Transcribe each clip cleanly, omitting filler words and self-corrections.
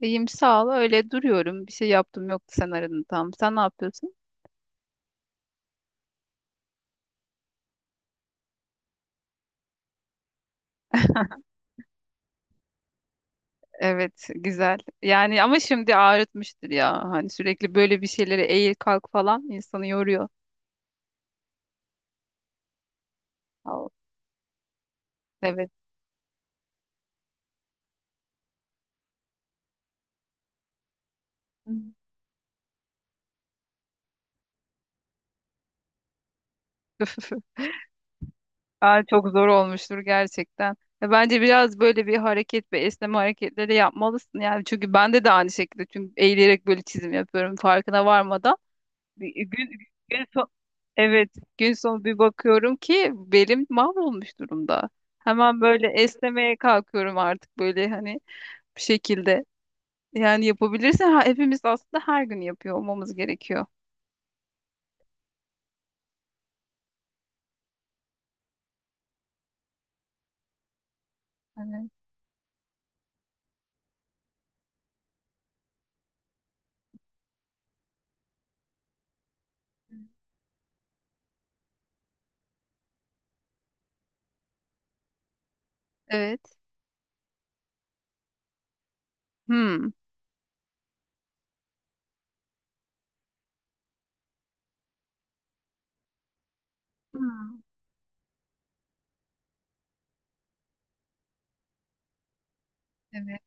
İyiyim, sağ ol. Öyle duruyorum. Bir şey yaptım, yoktu, sen aradın tam. Sen ne yapıyorsun? Evet, güzel. Yani ama şimdi ağrıtmıştır ya. Hani sürekli böyle bir şeylere eğil kalk falan insanı yoruyor. Al, evet. Hı. Aa, çok zor olmuştur gerçekten. Ya bence biraz böyle bir hareket ve esneme hareketleri yapmalısın yani, çünkü bende de aynı şekilde, çünkü eğilerek böyle çizim yapıyorum farkına varmadan. Bir- Gün, gün son, evet gün sonu bir bakıyorum ki belim mahvolmuş durumda. Hemen böyle esnemeye kalkıyorum artık, böyle hani bir şekilde. Yani yapabilirsen ha, hepimiz aslında her gün yapıyor olmamız gerekiyor. Evet. Evet. Hmm. Hmm. Evet.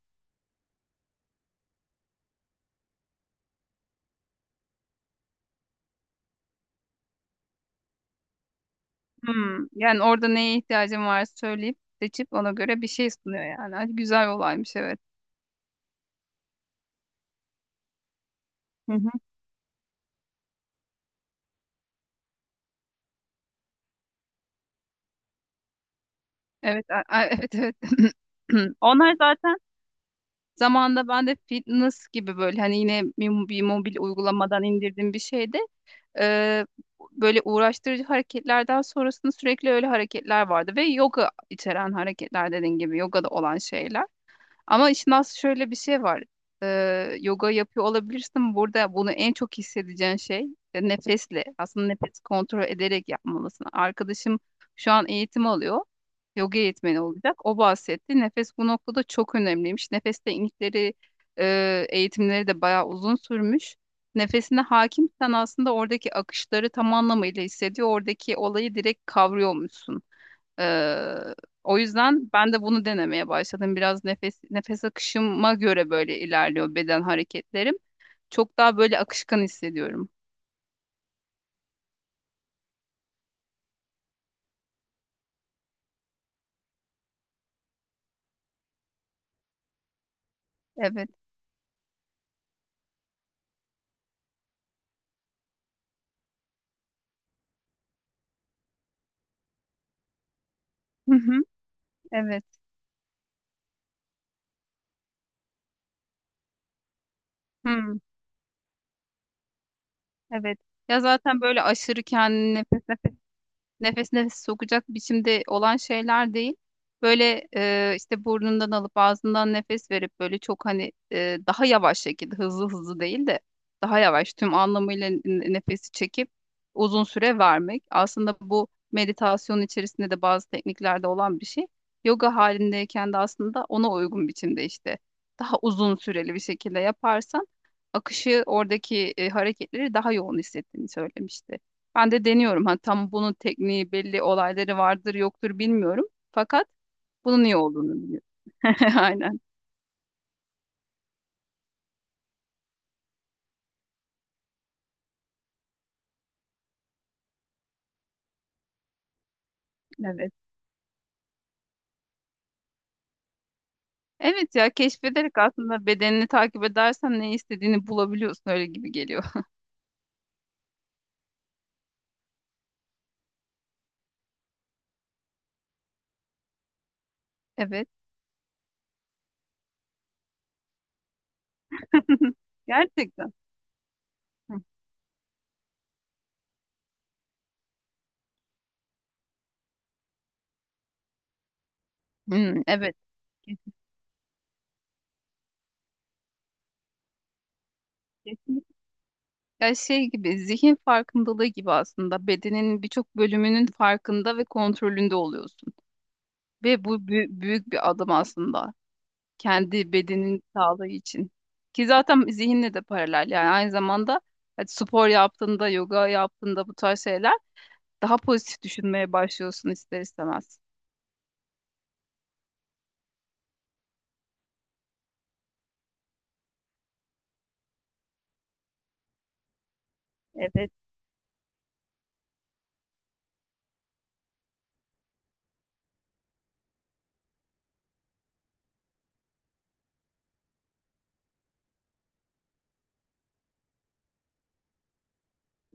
Hmm. Yani orada neye ihtiyacım var söyleyip seçip ona göre bir şey sunuyor yani. Ay, güzel olaymış, evet. Hı hı. Evet, evet evet. Onlar zaten zamanında ben de fitness gibi, böyle hani, yine bir mobil uygulamadan indirdiğim bir şeydi. Ee, Böyle uğraştırıcı hareketlerden sonrasında sürekli öyle hareketler vardı ve yoga içeren hareketler, dediğin gibi yogada olan şeyler. Ama işin aslında şöyle bir şey var. Yoga yapıyor olabilirsin. Burada bunu en çok hissedeceğin şey nefesle. Aslında nefes kontrol ederek yapmalısın. Arkadaşım şu an eğitim alıyor. Yoga eğitmeni olacak. O bahsetti. Nefes bu noktada çok önemliymiş. Nefes teknikleri, eğitimleri de bayağı uzun sürmüş. Nefesine hakimsen aslında oradaki akışları tam anlamıyla hissediyor. Oradaki olayı direkt kavrıyormuşsun. Ee, O yüzden ben de bunu denemeye başladım. Biraz nefes akışıma göre böyle ilerliyor beden hareketlerim. Çok daha böyle akışkan hissediyorum. Evet. Hı hı. Evet. Hı. Evet. Ya zaten böyle aşırı kendini nefes nefes sokacak biçimde olan şeyler değil. Böyle işte burnundan alıp ağzından nefes verip böyle çok hani daha yavaş şekilde, hızlı hızlı değil de daha yavaş, tüm anlamıyla nefesi çekip uzun süre vermek. Aslında bu meditasyon içerisinde de bazı tekniklerde olan bir şey. Yoga halindeyken de aslında ona uygun biçimde, işte daha uzun süreli bir şekilde yaparsan akışı oradaki hareketleri daha yoğun hissettiğini söylemişti. Ben de deniyorum. Ha, tam bunun tekniği belli olayları vardır yoktur bilmiyorum. Fakat bunun iyi olduğunu biliyorum. Aynen. Evet. Evet ya, keşfederek aslında bedenini takip edersen ne istediğini bulabiliyorsun, öyle gibi geliyor. Evet. Gerçekten. Hı. Hmm, evet. Kes- Kesinlikle. Ya şey gibi, zihin farkındalığı gibi, aslında bedenin birçok bölümünün farkında ve kontrolünde oluyorsun. Ve bu büyük bir adım aslında. Kendi bedenin sağlığı için. Ki zaten zihinle de paralel, yani aynı zamanda hadi spor yaptığında, yoga yaptığında bu tarz şeyler daha pozitif düşünmeye başlıyorsun ister istemez. Evet,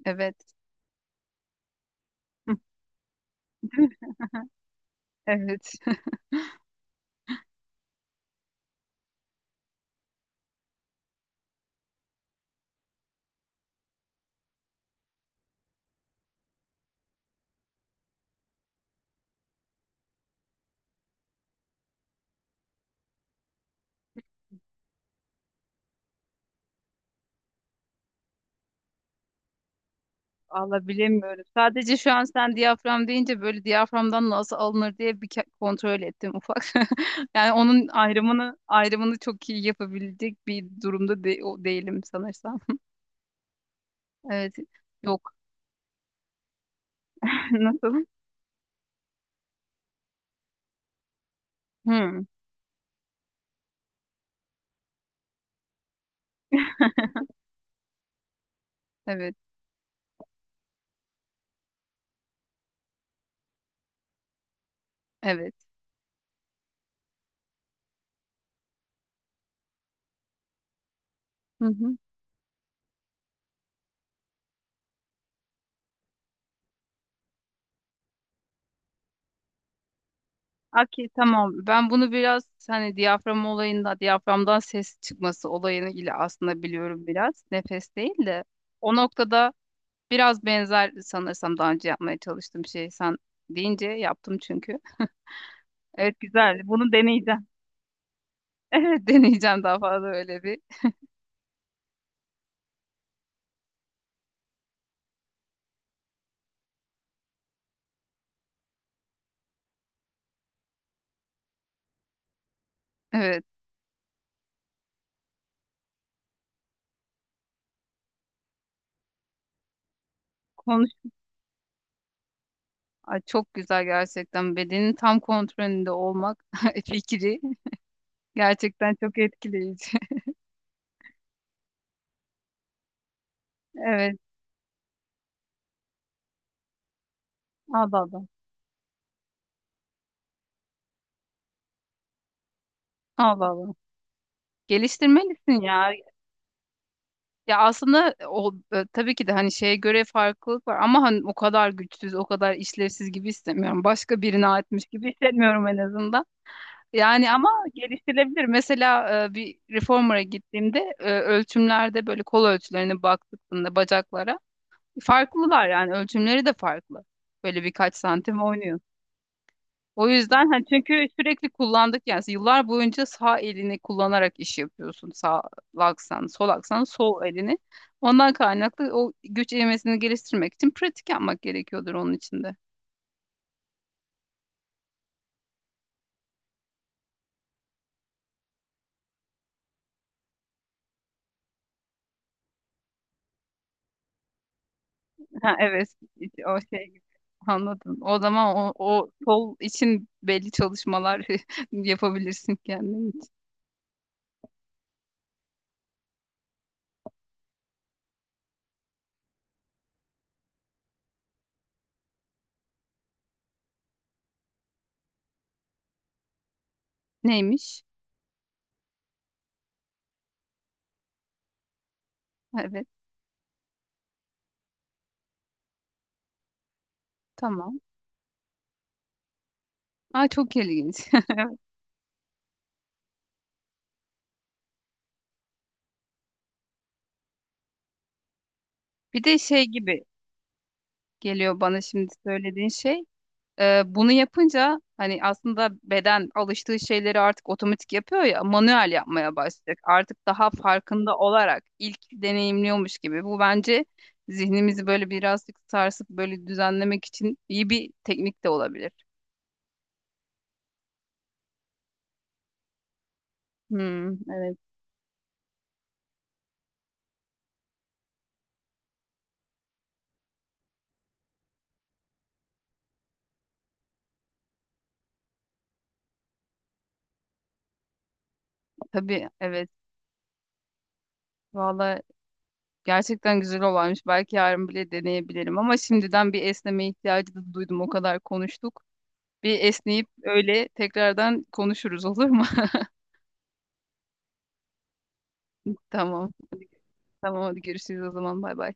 evet. Evet. Valla bilemiyorum. Sadece şu an sen diyafram deyince böyle diyaframdan nasıl alınır diye bir kontrol ettim ufak. Yani onun ayrımını çok iyi yapabilecek bir durumda o değilim sanırsam. Evet. Yok. Nasıl? Hmm. Evet. Evet. Hı hı. Okey, tamam. Ben bunu biraz hani diyafram olayında diyaframdan ses çıkması olayını ile aslında biliyorum biraz. Nefes değil de o noktada biraz benzer sanırsam daha önce yapmaya çalıştığım şey, sen deyince yaptım çünkü. Evet, güzel. Bunu deneyeceğim. Evet, deneyeceğim daha fazla öyle bir. Evet. Konuş. Ay, çok güzel gerçekten. Bedenin tam kontrolünde olmak fikri gerçekten çok etkileyici. Evet. Allah Allah. Allah Allah. Geliştirmelisin ya. Ya aslında o tabii ki de hani şeye göre farklılık var, ama hani o kadar güçsüz, o kadar işlevsiz gibi istemiyorum. Başka birine aitmiş gibi hissetmiyorum en azından. Yani ama geliştirilebilir. Mesela bir reformer'a gittiğimde ölçümlerde böyle kol ölçülerine baktığımda bacaklara farklılar, yani ölçümleri de farklı. Böyle birkaç santim oynuyor. O yüzden hani, çünkü sürekli kullandık yani, yıllar boyunca sağ elini kullanarak iş yapıyorsun. Sağ aksan, sol aksan, sol elini. Ondan kaynaklı o güç eğmesini geliştirmek için pratik yapmak gerekiyordur onun içinde. Ha, evet, o şey gibi. Anladım. O zaman o, o sol için belli çalışmalar yapabilirsin kendin için. Neymiş? Evet, tamam. Aa, çok ilginç. Bir de şey gibi geliyor bana şimdi söylediğin şey. Bunu yapınca hani aslında beden alıştığı şeyleri artık otomatik yapıyor ya, manuel yapmaya başlayacak. Artık daha farkında olarak ilk deneyimliyormuş gibi. Bu bence zihnimizi böyle birazcık sarsıp böyle düzenlemek için iyi bir teknik de olabilir. Hmm, evet, tabii, evet. Valla gerçekten güzel olaymış. Belki yarın bile deneyebilirim ama şimdiden bir esneme ihtiyacı da duydum. O kadar konuştuk. Bir esneyip öyle tekrardan konuşuruz, olur mu? Tamam. Tamam, hadi görüşürüz o zaman, bay bay.